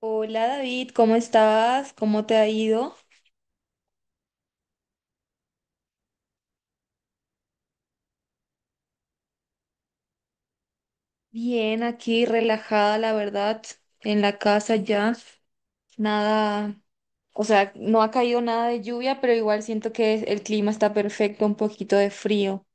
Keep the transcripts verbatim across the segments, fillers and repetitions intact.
Hola David, ¿cómo estás? ¿Cómo te ha ido? Bien, aquí relajada, la verdad, en la casa ya. Nada, o sea, no ha caído nada de lluvia, pero igual siento que el clima está perfecto, un poquito de frío.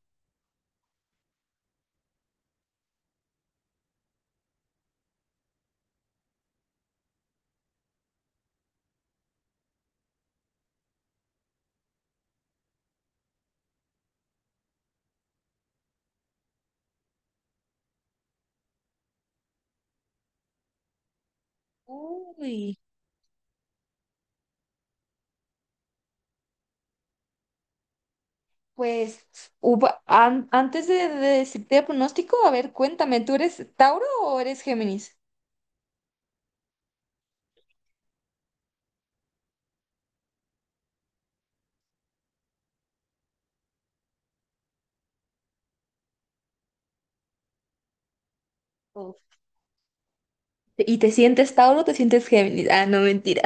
Uy, pues hubo- an- antes de, de decirte el pronóstico, a ver, cuéntame, ¿tú eres Tauro o eres Géminis? Uf. ¿Y te sientes Tauro o te sientes Géminis? Ah, no, mentira.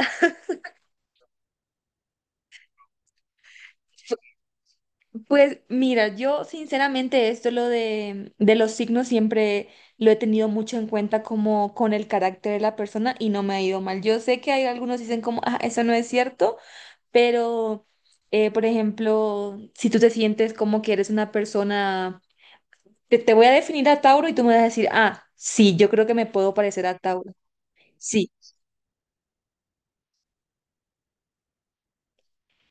Pues mira, yo sinceramente esto lo de, de los signos siempre lo he tenido mucho en cuenta como con el carácter de la persona y no me ha ido mal. Yo sé que hay algunos dicen como, ah, eso no es cierto, pero eh, por ejemplo, si tú te sientes como que eres una persona, te, te voy a definir a Tauro y tú me vas a decir, ah, sí, yo creo que me puedo parecer a Tauro. Sí.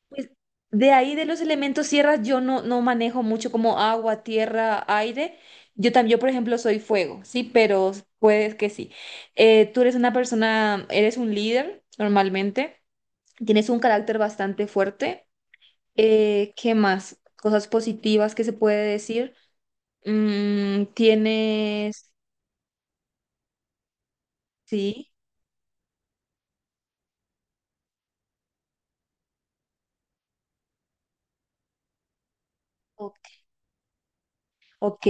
Pues de ahí de los elementos tierras yo no, no manejo mucho como agua, tierra, aire. Yo también, yo por ejemplo soy fuego, sí, pero puedes que sí. Eh, tú eres una persona, eres un líder normalmente, tienes un carácter bastante fuerte. Eh, ¿qué más? Cosas positivas que se puede decir. Mm, tienes, sí, ok. Ok.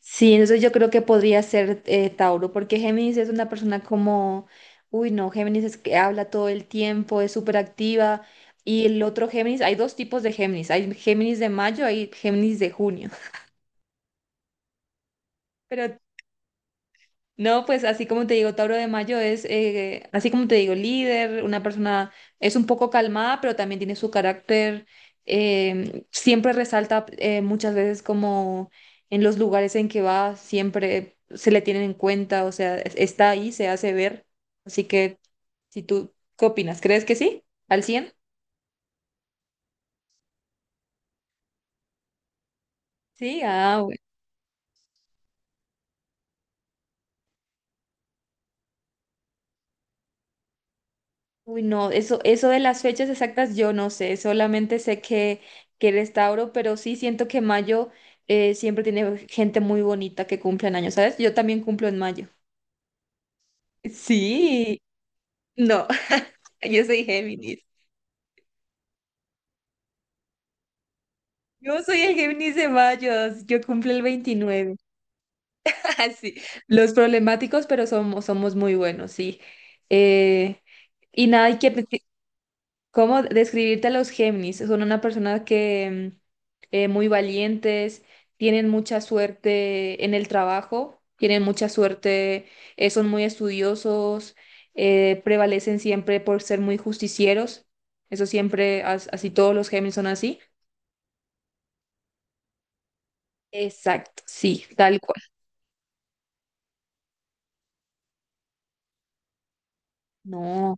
Sí, entonces yo creo que podría ser eh, Tauro, porque Géminis es una persona como, uy, no, Géminis es que habla todo el tiempo, es súper activa. Y el otro Géminis, hay dos tipos de Géminis, hay Géminis de mayo, hay Géminis de junio. Pero no, pues así como te digo, Tauro de Mayo es, eh, así como te digo, líder, una persona es un poco calmada, pero también tiene su carácter, eh, siempre resalta eh, muchas veces como en los lugares en que va, siempre se le tienen en cuenta, o sea, es- está ahí, se hace ver. Así que, si tú, ¿qué opinas? ¿Crees que sí? ¿Al cien? Sí, ah, uy, no, eso, eso de las fechas exactas yo no sé, solamente sé que, que eres Tauro, pero sí siento que mayo eh, siempre tiene gente muy bonita que cumple en años, ¿sabes? Yo también cumplo en mayo. Sí, no, yo soy Géminis. Yo soy el Géminis de mayo, yo cumplo el veintinueve. Sí, los problemáticos, pero somos, somos muy buenos, sí. Eh, y nada, ¿y qué, ¿cómo describirte a los Géminis? Son una persona que mm, eh, muy valientes, tienen mucha suerte en el trabajo, tienen mucha suerte, eh, son muy estudiosos, eh, prevalecen siempre por ser muy justicieros. Eso siempre, as- así todos los Géminis son así. Exacto, sí, tal cual. No,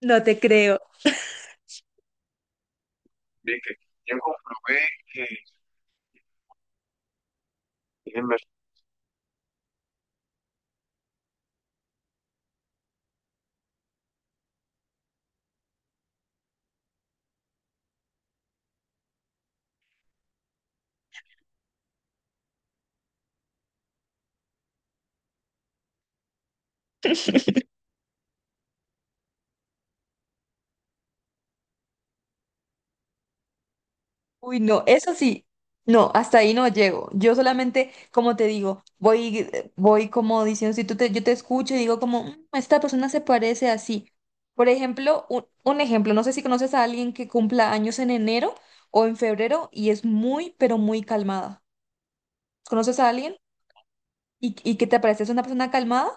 no te creo. De que yo comprobé que, uy, no, eso sí, no, hasta ahí no llego. Yo solamente, como te digo, voy, voy como diciendo, si tú te, yo te escucho y digo como, "Mm, esta persona se parece así". Por ejemplo, un, un ejemplo, no sé si conoces a alguien que cumpla años en enero o en febrero y es muy, pero muy calmada. ¿Conoces a alguien y, y que te parece es una persona calmada?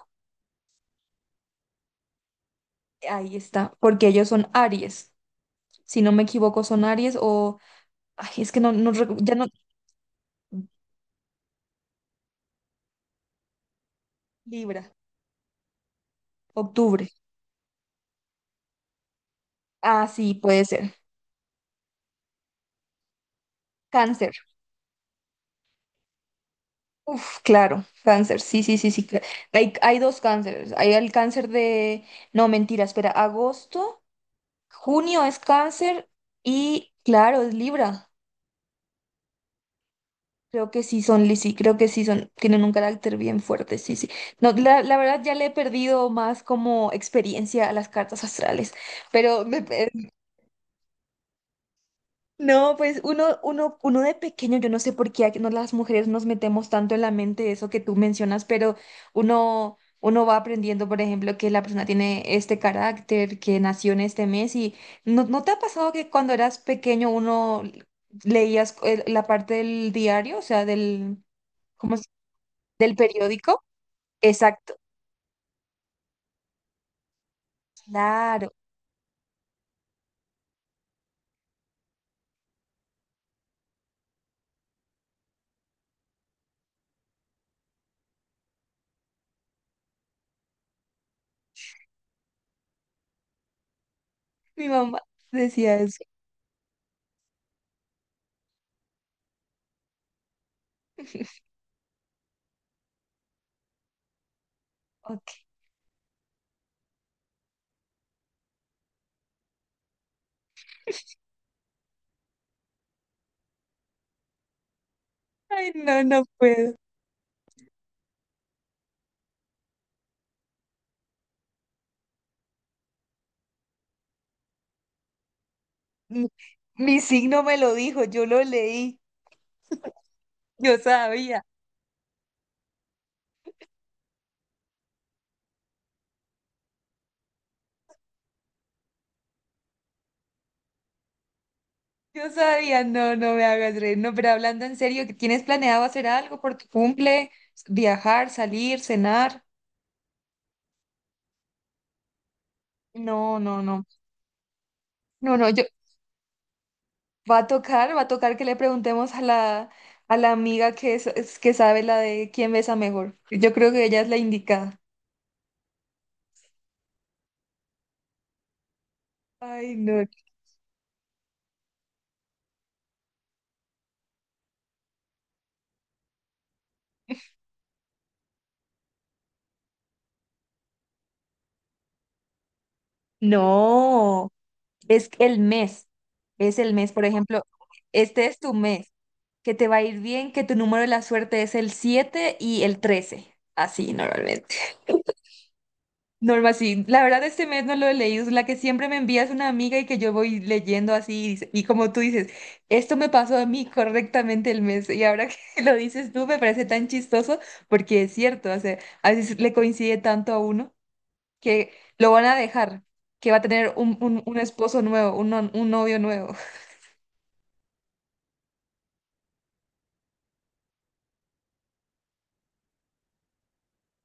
Ahí está, porque ellos son Aries. Si no me equivoco, son Aries o, ay, es que no, no, recu- ya no, Libra, octubre. Ah, sí, puede ser. Cáncer. Uf, claro, cáncer, sí, sí, sí, sí. cla- Hay, hay dos cánceres. Hay el cáncer de... No, mentira, espera, agosto, junio es cáncer y claro, es Libra. Creo que sí son, li- sí, creo que sí son, tienen un carácter bien fuerte, sí, sí. No, la, la verdad ya le he perdido más como experiencia a las cartas astrales, pero me, no, pues uno, uno, uno de pequeño, yo no sé por qué aquí no, las mujeres nos metemos tanto en la mente eso que tú mencionas, pero uno, uno va aprendiendo, por ejemplo, que la persona tiene este carácter, que nació en este mes y ¿no, no te ha pasado que cuando eras pequeño uno leías el- la parte del diario, o sea, del, ¿cómo se- del periódico? Exacto, claro. Mi mamá decía eso. Ok. Ay, no, no puedo. Mi mi signo me lo dijo, yo lo leí. Yo sabía, yo sabía, no, no me hagas reír, no, pero hablando en serio, ¿que ¿tienes planeado hacer algo por tu cumple? ¿Viajar, salir, cenar? No, no, no, no, no, yo, va a tocar, va a tocar que le preguntemos a la, a la amiga que, es, es- que sabe la de quién besa mejor. Yo creo que ella es la indicada. Ay, no. No, es el mes, es el mes, por ejemplo, este es tu mes. Que te va a ir bien, que tu número de la suerte es el siete y el trece. Así normalmente. Norma, sí. La verdad, este mes no lo he leído. Es la que siempre me envía es una amiga y que yo voy leyendo así. Y dice- y como tú dices, esto me pasó a mí correctamente el mes. Y ahora que lo dices tú, me parece tan chistoso porque es cierto. O sea, a veces le coincide tanto a uno que lo van a dejar, que va a tener un, un, un esposo nuevo, un, no- un novio nuevo,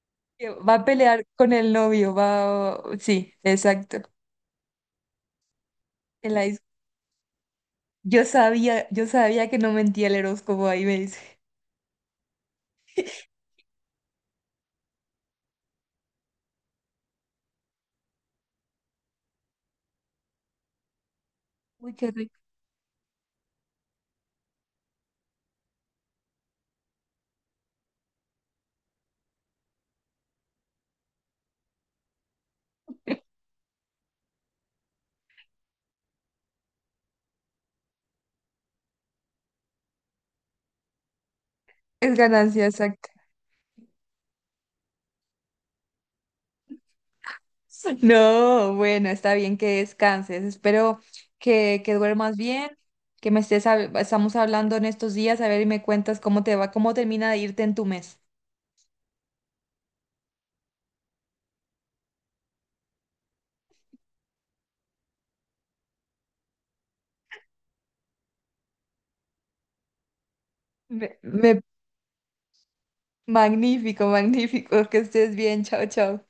que va a pelear con el novio. Va, sí, exacto. Yo sabía, yo sabía que no mentía el horóscopo, ahí me dice. Uy, qué rico. Es ganancia, exacto. No, bueno, está bien que descanses. Espero que, que duermas bien, que me estés, hab- estamos hablando en estos días, a ver y me cuentas cómo te va, cómo termina de irte en tu mes. Me, me- Magnífico, magnífico, que estés bien, chao, chao.